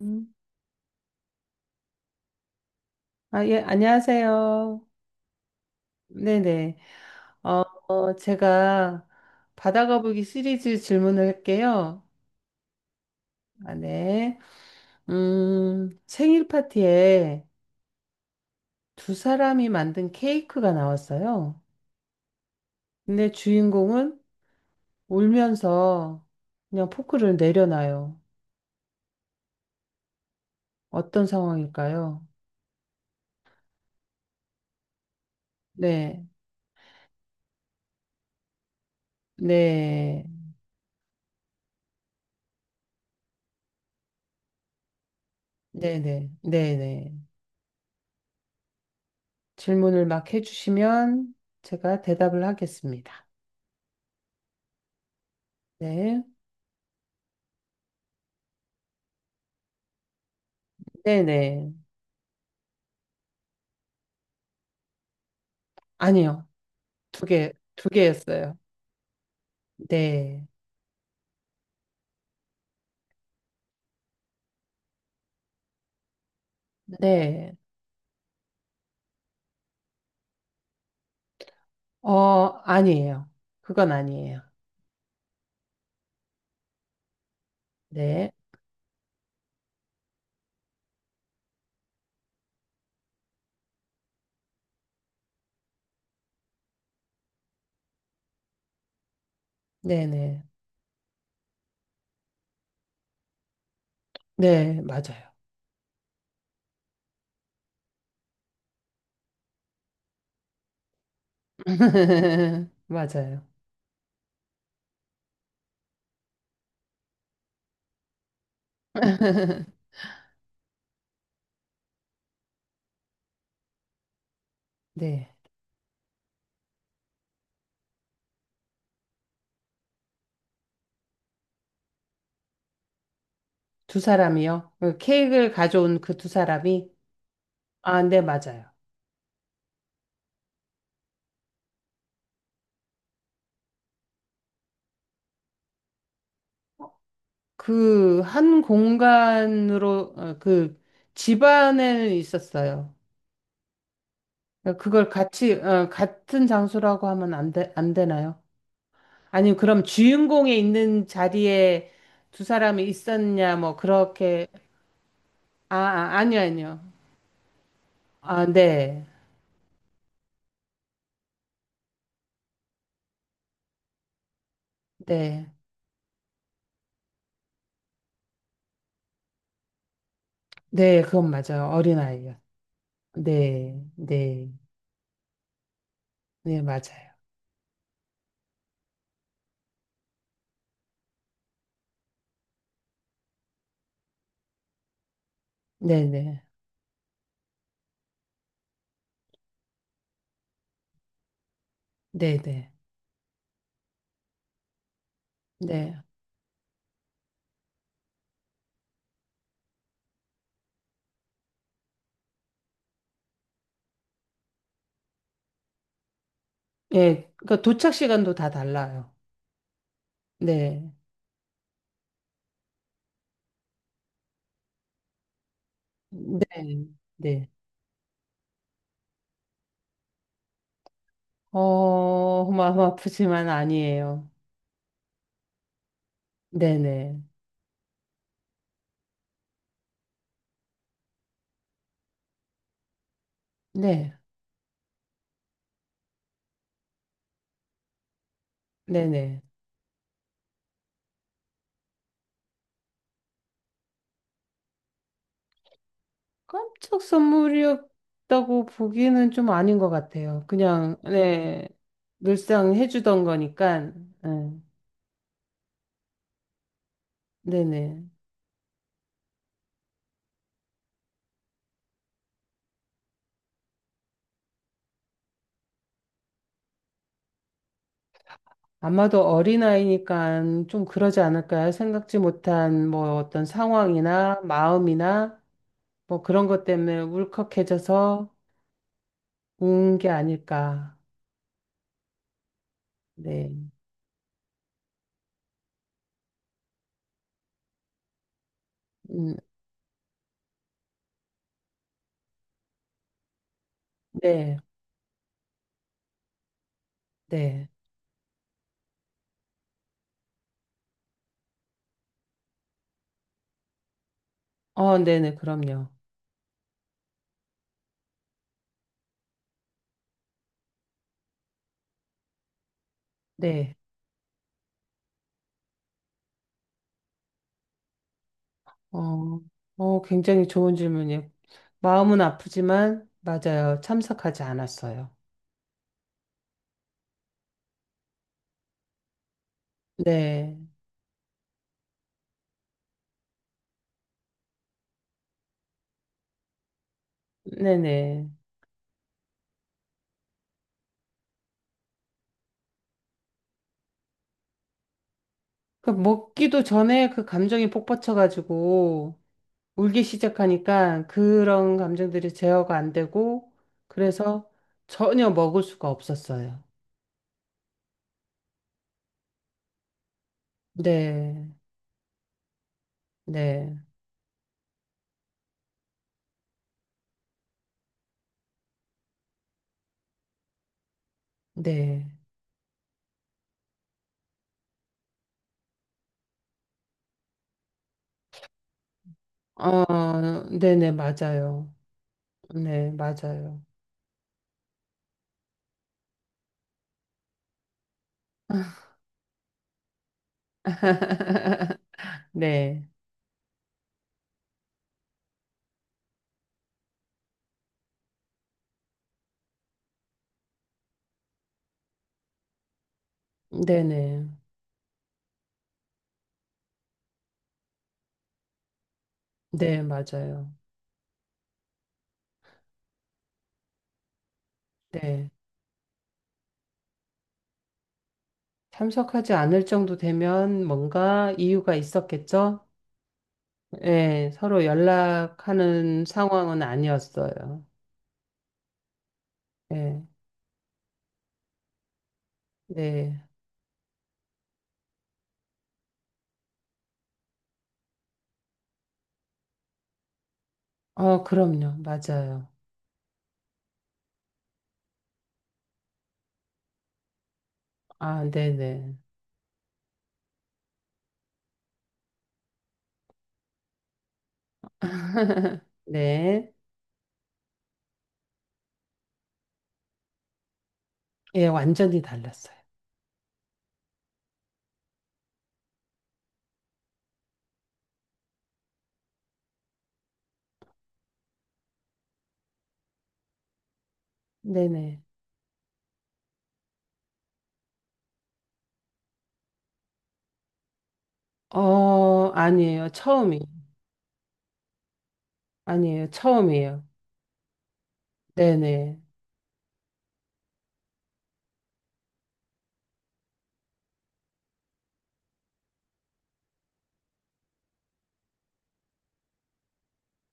음. 아, 예, 안녕하세요. 네네. 제가 바다 거북이 시리즈 질문을 할게요. 아, 네. 생일 파티에 두 사람이 만든 케이크가 나왔어요. 근데 주인공은 울면서 그냥 포크를 내려놔요. 어떤 상황일까요? 네, 네, 네네, 네네. 질문을 막 해주시면 제가 대답을 하겠습니다. 네. 네네. 아니요. 2개, 2개였어요. 네. 네. 어, 아니에요. 그건 아니에요. 네. 네네. 네, 맞아요. 맞아요. 네. 두 사람이요? 그 케이크를 가져온 그 두 사람이? 아, 네, 맞아요. 그 한 공간으로, 그 집안에 있었어요. 그걸 같이, 같은 장소라고 하면 안 돼, 안 되나요? 아니, 그럼 주인공에 있는 자리에 두 사람이 있었냐, 뭐, 그렇게. 아니요, 아니요. 아, 네, 네. 네, 그건 맞아요. 어린아이요. 네, 네, 네, 맞아요. 네, 네, 네, 네, 네. 예, 그러니까 도착 시간도 다 달라요. 네, 네, 네. 마음 아프지만 아니에요. 네, 네, 네, 네, 네. 깜짝 선물이었다고 보기는 좀 아닌 것 같아요. 그냥, 네, 늘상 해주던 거니까, 네, 네네. 아마도 어린아이니까 좀 그러지 않을까요? 생각지 못한 뭐 어떤 상황이나 마음이나 뭐 그런 것 때문에 울컥해져서 운 게 아닐까. 네, 음, 네, 네. 네네, 그럼요. 네. 어, 굉장히 좋은 질문이에요. 마음은 아프지만, 맞아요. 참석하지 않았어요. 네, 네네. 그 먹기도 전에 그 감정이 폭받쳐가지고 울기 시작하니까 그런 감정들이 제어가 안 되고, 그래서 전혀 먹을 수가 없었어요. 네, 네, 네. 어, 네네, 맞아요. 네, 맞아요. 네, 네네. 네, 맞아요. 네. 참석하지 않을 정도 되면 뭔가 이유가 있었겠죠? 네, 서로 연락하는 상황은 아니었어요. 네, 네. 그럼요. 맞아요. 아, 네네. 네. 예, 완전히 달랐어요. 네네. 아니에요. 처음이. 아니에요. 처음이에요. 네네.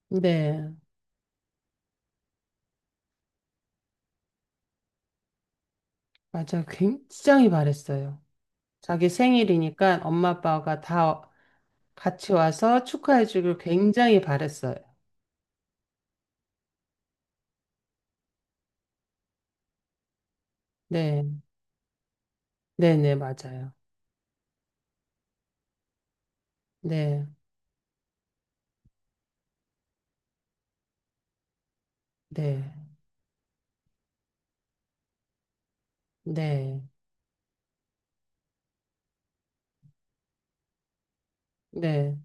네. 맞아. 굉장히 바랬어요. 자기 생일이니까 엄마 아빠가 다 같이 와서 축하해 주길 굉장히 바랬어요. 네. 네네, 맞아요. 네. 네. 네. 네.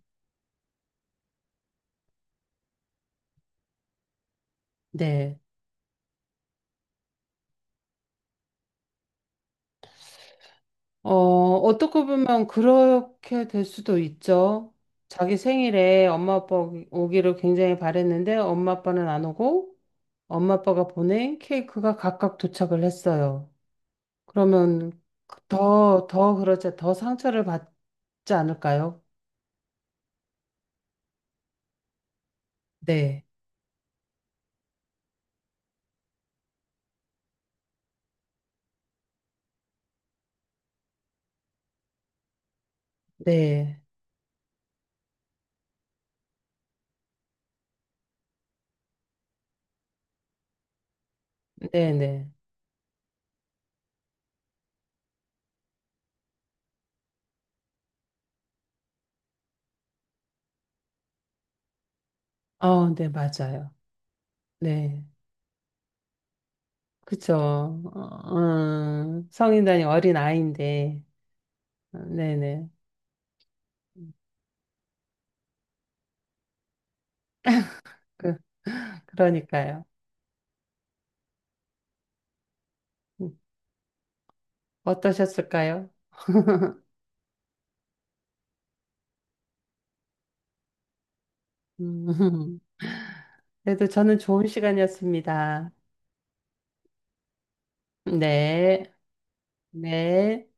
네. 어떻게 보면 그렇게 될 수도 있죠. 자기 생일에 엄마 아빠 오기를 굉장히 바랬는데 엄마 아빠는 안 오고 엄마 아빠가 보낸 케이크가 각각 도착을 했어요. 그러면 더, 더 그러자 더 상처를 받지 않을까요? 네. 네. 네, 네. 아, 네, 맞아요. 네, 그쵸. 성인단이 어린 아이인데, 어, 네네. 그, 그러니까요. 음, 어떠셨을까요? 음, 그래도 저는 좋은 시간이었습니다. 네, 네.